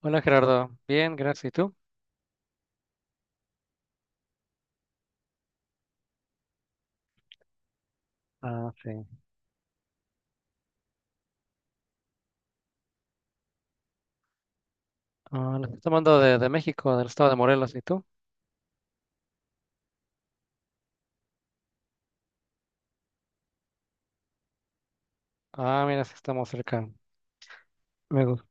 Hola Gerardo, bien, gracias. ¿Y tú? Ah, sí. Ah, lo estoy tomando de México, del estado de Morelos. ¿Y tú? Ah, mira, sí estamos cerca. Me gusta.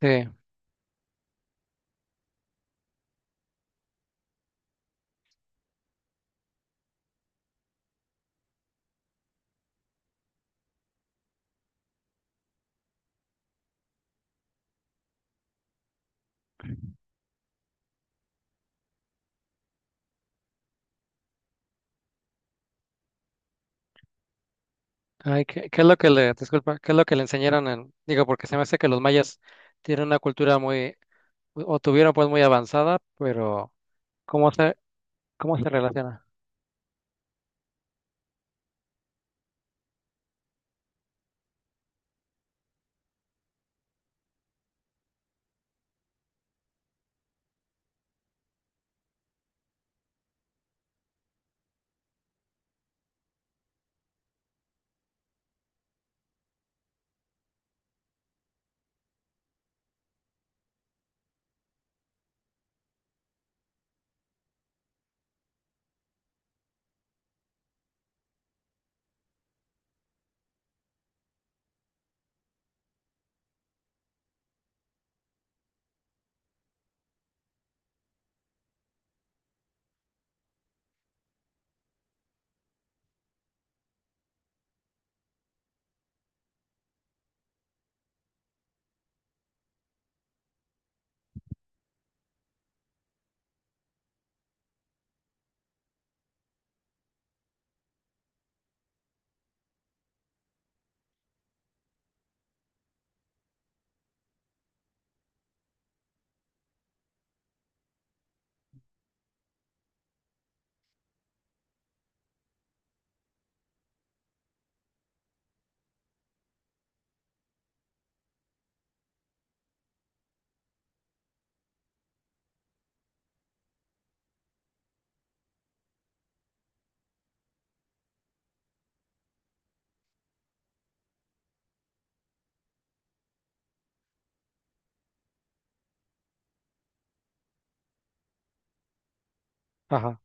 Sí. Ay, ¿qué es lo que le, disculpa, ¿qué es lo que le enseñaron en, digo, porque se me hace que los mayas tienen una cultura muy, o tuvieron pues muy avanzada, pero ¿cómo se, cómo se relaciona? Ajá.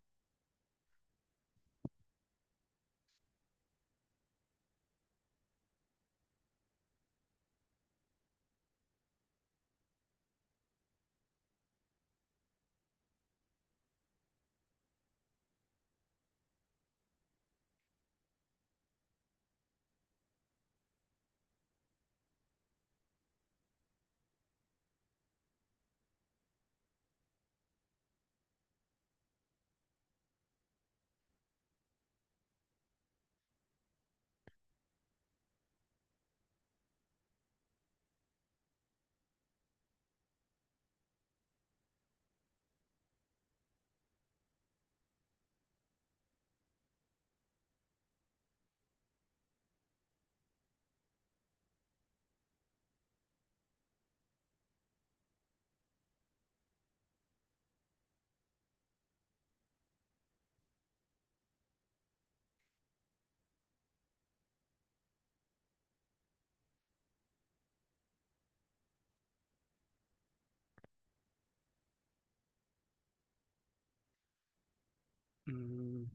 Mm.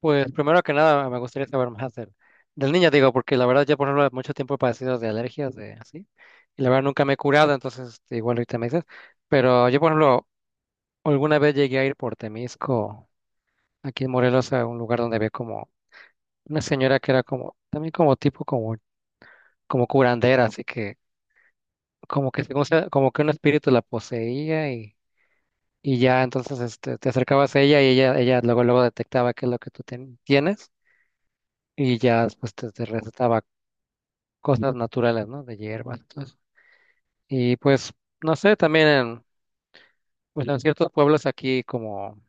Pues primero que nada me gustaría saber más del niño, digo, porque la verdad ya por ejemplo mucho tiempo he padecido de alergias, de así, y la verdad nunca me he curado, entonces igual ahorita me dices, pero yo por ejemplo alguna vez llegué a ir por Temisco, aquí en Morelos, a un lugar donde había como una señora que era como, también como tipo como, como curandera, así que como que un espíritu la poseía y ya entonces te acercabas a ella y ella luego luego detectaba qué es lo que tienes y ya después te recetaba cosas naturales, ¿no? De hierbas. Entonces. Y pues, no sé, también pues, en ciertos pueblos aquí como,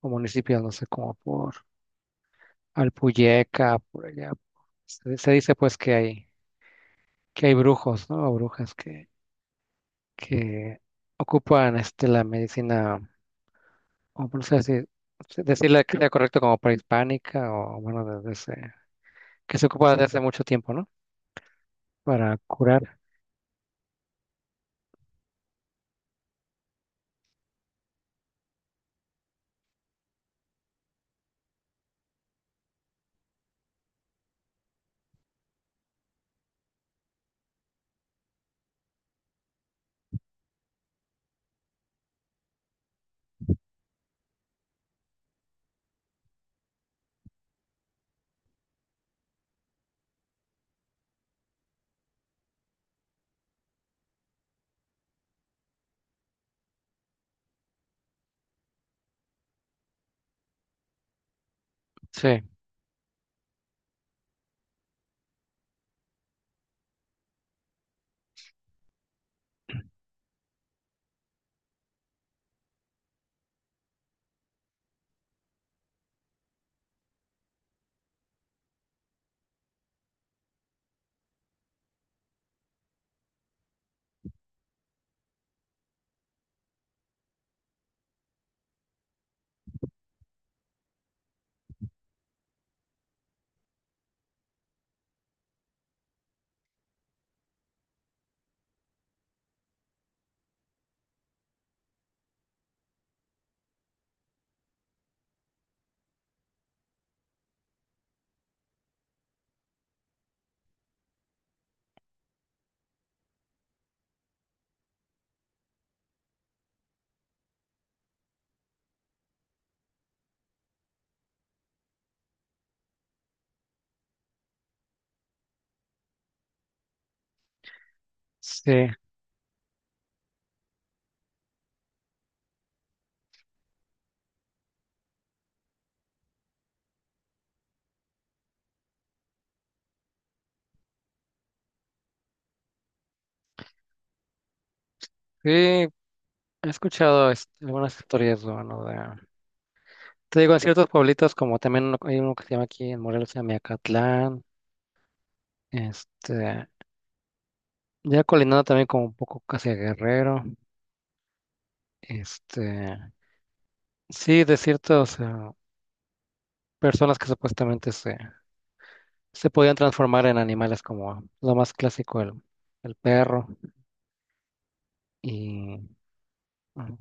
como municipios, no sé, como por Alpuyeca, por allá, se dice pues que hay brujos, ¿no? O brujas que ocupan la medicina, o no sé si decirle que sea correcto como prehispánica o bueno, desde ese, que se ocupa desde hace mucho tiempo, ¿no? Para curar. Sí, sí, sí, he escuchado algunas historias, bueno, de... Te digo, en ciertos pueblitos, como también hay uno que se llama aquí en Morelos, se llama Miacatlán, este, ya colinado también como un poco casi a Guerrero, este, sí, de ciertas personas que supuestamente se podían transformar en animales como lo más clásico, el perro, y mm,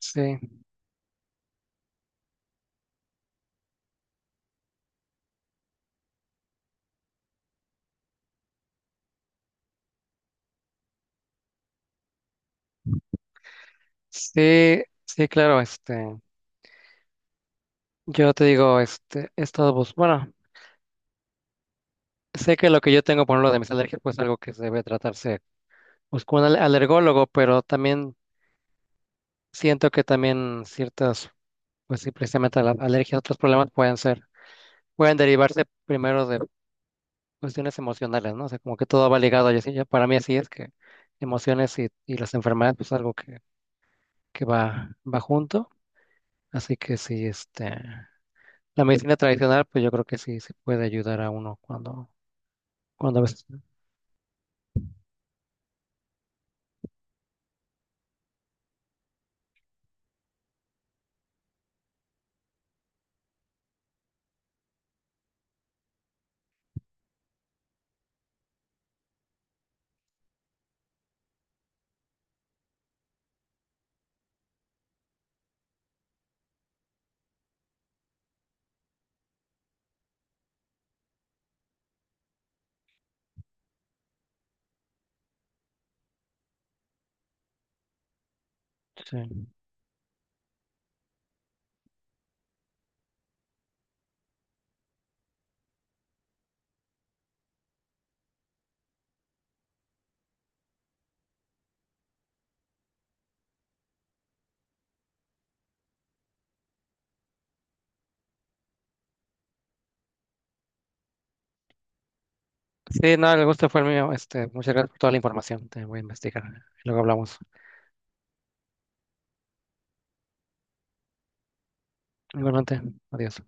sí, sí, sí, claro, yo te digo, he estado, bueno, sé que lo que yo tengo, por lo de mis alergias, pues algo que debe tratarse. Busco un alergólogo, pero también siento que también pues sí, precisamente la alergia, otros problemas pueden ser, pueden derivarse primero de cuestiones emocionales, ¿no? O sea, como que todo va ligado, para mí así es que emociones y las enfermedades, pues algo que va junto, así que sí, la medicina tradicional, pues yo creo que sí, sí puede ayudar a uno cuando, cuando a veces, sí. Sí, no, el gusto fue el mío, muchas gracias por toda la información, te voy a investigar, luego hablamos. Igualmente, adiós.